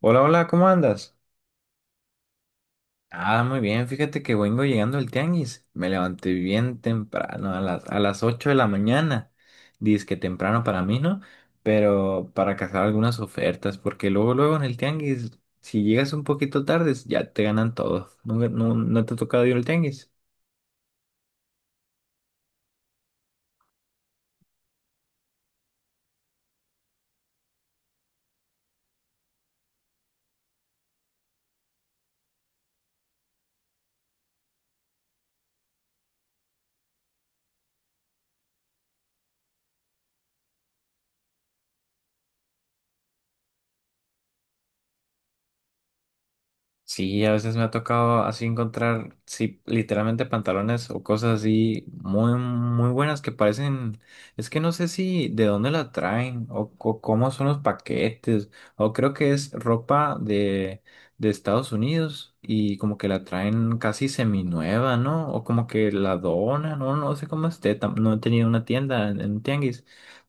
Hola, hola, ¿cómo andas? Ah, muy bien, fíjate que vengo llegando al tianguis. Me levanté bien temprano, a las 8 de la mañana. Dice que temprano para mí, ¿no? Pero para cazar algunas ofertas, porque luego, luego en el tianguis, si llegas un poquito tarde, ya te ganan todo. ¿No, no, no te ha tocado ir al tianguis? Sí, a veces me ha tocado así encontrar, sí, literalmente pantalones o cosas así muy, muy buenas que parecen, es que no sé si de dónde la traen o cómo son los paquetes, o creo que es ropa de Estados Unidos y como que la traen casi seminueva, ¿no? O como que la donan, no, no sé cómo esté, no he tenido una tienda en un tianguis,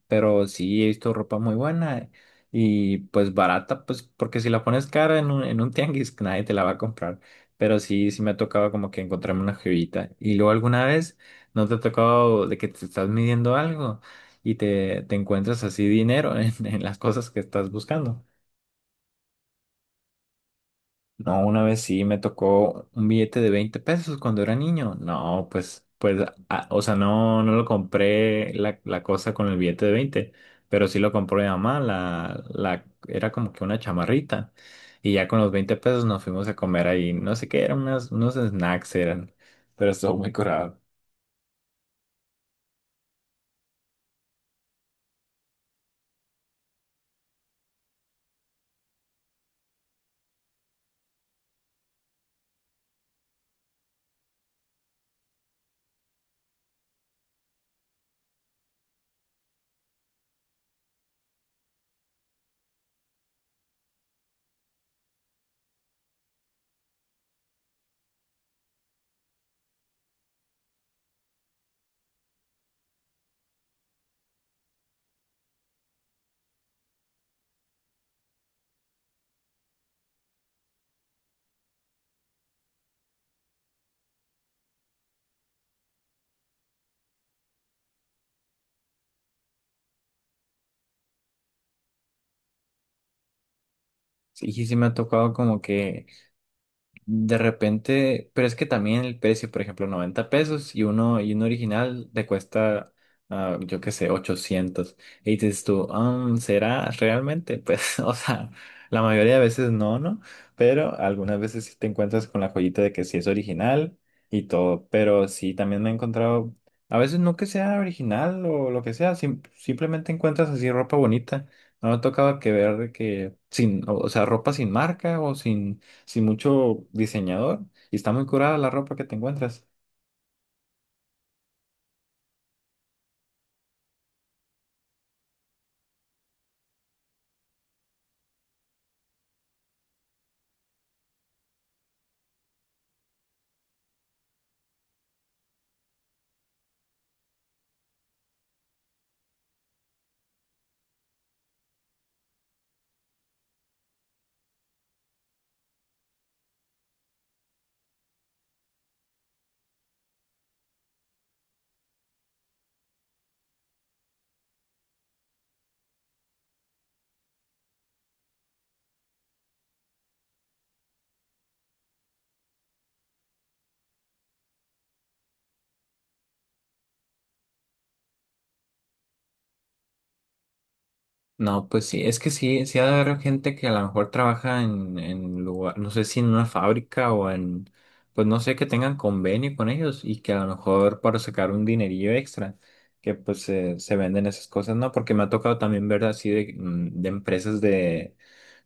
pero sí he visto ropa muy buena y pues barata, pues porque si la pones cara en un tianguis, nadie te la va a comprar. Pero sí, sí me ha tocado como que encontrarme una jevita. Y luego alguna vez, ¿no te ha tocado de que te estás midiendo algo y te encuentras así dinero en las cosas que estás buscando? No, una vez sí me tocó un billete de 20 pesos cuando era niño. No, pues, ah, o sea, no, no lo compré la cosa con el billete de 20, pero sí lo compró mi mamá, la era como que una chamarrita. Y ya con los 20 pesos nos fuimos a comer ahí, no sé qué, eran unos snacks eran, pero estuvo muy curado. Sí, sí sí me ha tocado como que de repente, pero es que también el precio, por ejemplo, 90 pesos y uno original te cuesta, ah, yo qué sé, 800. Y dices tú, "Ah, ¿será realmente? Pues, o sea, la mayoría de veces no, ¿no? Pero algunas veces sí te encuentras con la joyita de que sí es original y todo. Pero sí, también me he encontrado, a veces no que sea original o lo que sea, simplemente encuentras así ropa bonita. No me ha tocado que ver de que sin, o sea, ropa sin marca o sin mucho diseñador y está muy curada la ropa que te encuentras. No, pues sí, es que sí, sí ha de haber gente que a lo mejor trabaja en lugar, no sé si en una fábrica o en, pues no sé, que tengan convenio con ellos y que a lo mejor para sacar un dinerillo extra, que pues se venden esas cosas, ¿no? Porque me ha tocado también ver así de, de empresas de,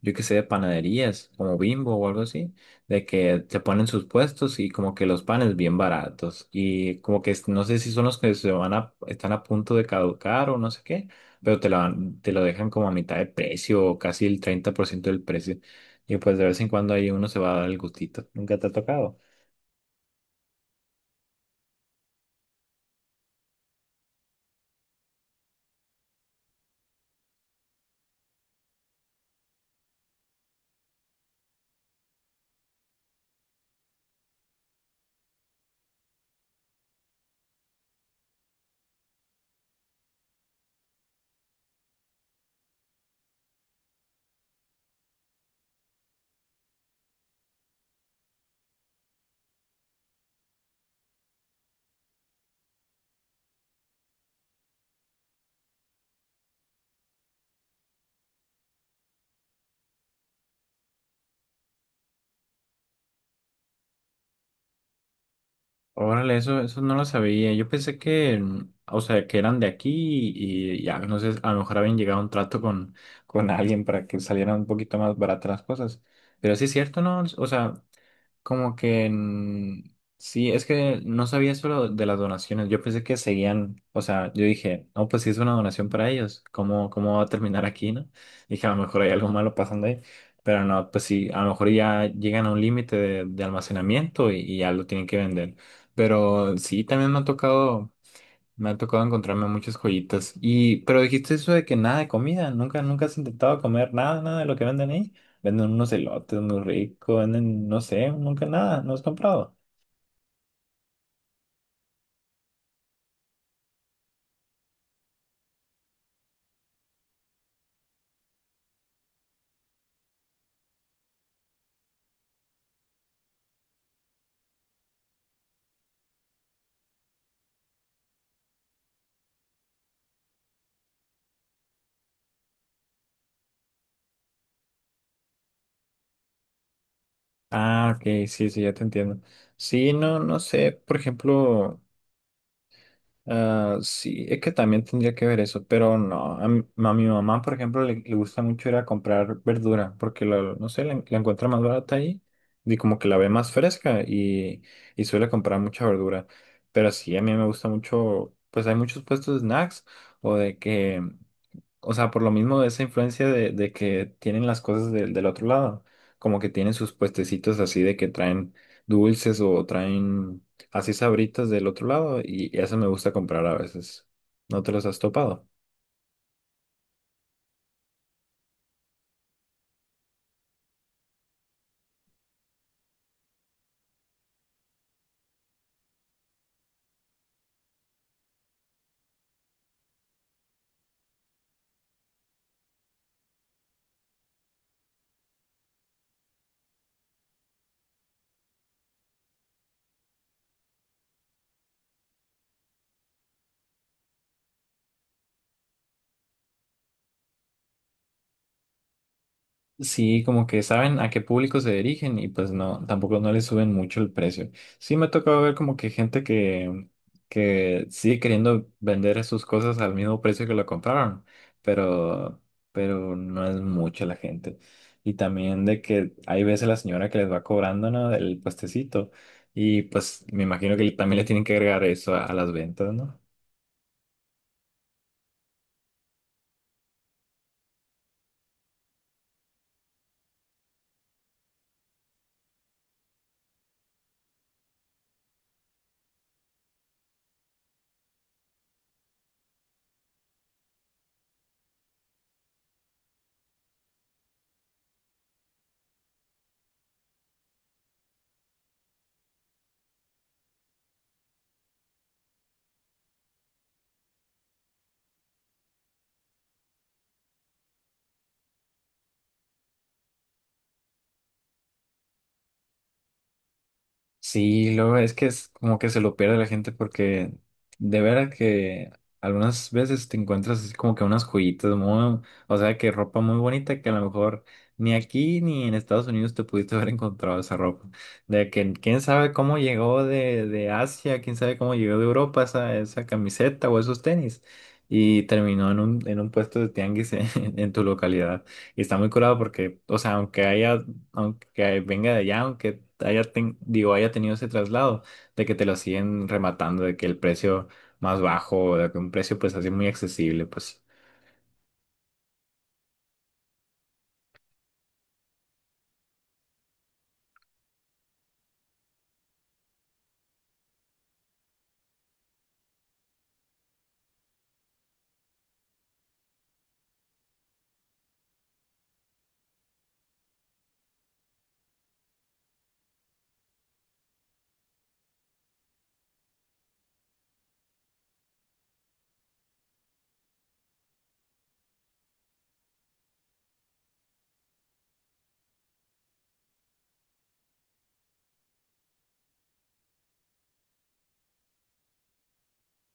yo qué sé, de panaderías, como Bimbo o algo así, de que te ponen sus puestos y como que los panes bien baratos y como que no sé si son los que se van a, están a punto de caducar o no sé qué, pero te lo, te lo dejan como a mitad de precio o casi el 30% del precio. Y pues de vez en cuando ahí uno se va a dar el gustito. Nunca te ha tocado. Órale, eso no lo sabía. Yo pensé que, o sea, que eran de aquí y ya, no sé, a lo mejor habían llegado a un trato con alguien para que salieran un poquito más baratas las cosas. Pero sí es cierto, ¿no? O sea, como que sí, es que no sabía eso de las donaciones. Yo pensé que seguían, o sea, yo dije, no, pues si es una donación para ellos, ¿cómo, cómo va a terminar aquí, no? Dije, a lo mejor hay algo malo pasando ahí, pero no, pues sí, a lo mejor ya llegan a un límite de almacenamiento y ya lo tienen que vender. Pero sí, también me ha tocado. Me ha tocado encontrarme muchas joyitas. Y, pero dijiste eso de que nada de comida, nunca, nunca has intentado comer nada, nada de lo que venden ahí. Venden unos elotes muy ricos, venden, no sé, nunca nada, no has comprado. Ah, ok, sí, sí, ya te entiendo. Sí, no, no sé, por ejemplo. Ah, sí, es que también tendría que ver eso, pero no. A mi mamá, por ejemplo, le gusta mucho ir a comprar verdura porque no sé, la encuentra más barata ahí y como que la ve más fresca y suele comprar mucha verdura. Pero sí, a mí me gusta mucho, pues hay muchos puestos de snacks o de que o sea, por lo mismo de esa influencia de que tienen las cosas del del otro lado, como que tienen sus puestecitos así de que traen dulces o traen así sabritas del otro lado y eso me gusta comprar a veces. ¿No te los has topado? Sí, como que saben a qué público se dirigen y pues no, tampoco no le suben mucho el precio. Sí, me ha tocado ver como que gente que sigue queriendo vender sus cosas al mismo precio que lo compraron, pero, pero no es mucha la gente. Y también de que hay veces la señora que les va cobrando, ¿no? El puestecito. Y pues me imagino que también le tienen que agregar eso a las ventas, ¿no? Sí, luego es que es como que se lo pierde la gente porque de veras que algunas veces te encuentras así como que unas joyitas muy, o sea, que ropa muy bonita que a lo mejor ni aquí ni en Estados Unidos te pudiste haber encontrado esa ropa. De que quién sabe cómo llegó de Asia, quién sabe cómo llegó de Europa esa, esa camiseta o esos tenis. Y terminó en un puesto de tianguis en, en tu localidad. Y está muy curado porque, o sea, aunque haya aunque venga de allá, aunque haya, digo, haya tenido ese traslado, de que te lo siguen rematando, de que el precio más bajo, de que un precio pues así muy accesible, pues.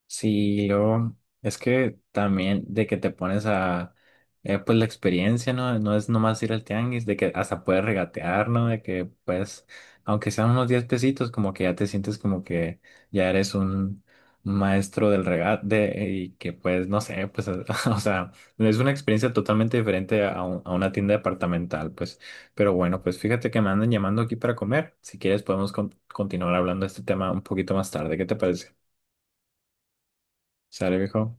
Sí, yo, es que también de que te pones a, pues la experiencia, ¿no? No es nomás ir al tianguis, de que hasta puedes regatear, ¿no? De que pues, aunque sean unos 10 pesitos, como que ya te sientes como que ya eres un maestro del regate y que pues, no sé, pues, o sea, es una experiencia totalmente diferente a, a una tienda departamental, pues. Pero bueno, pues fíjate que me andan llamando aquí para comer. Si quieres podemos continuar hablando de este tema un poquito más tarde. ¿Qué te parece? ¿Sale, viejo?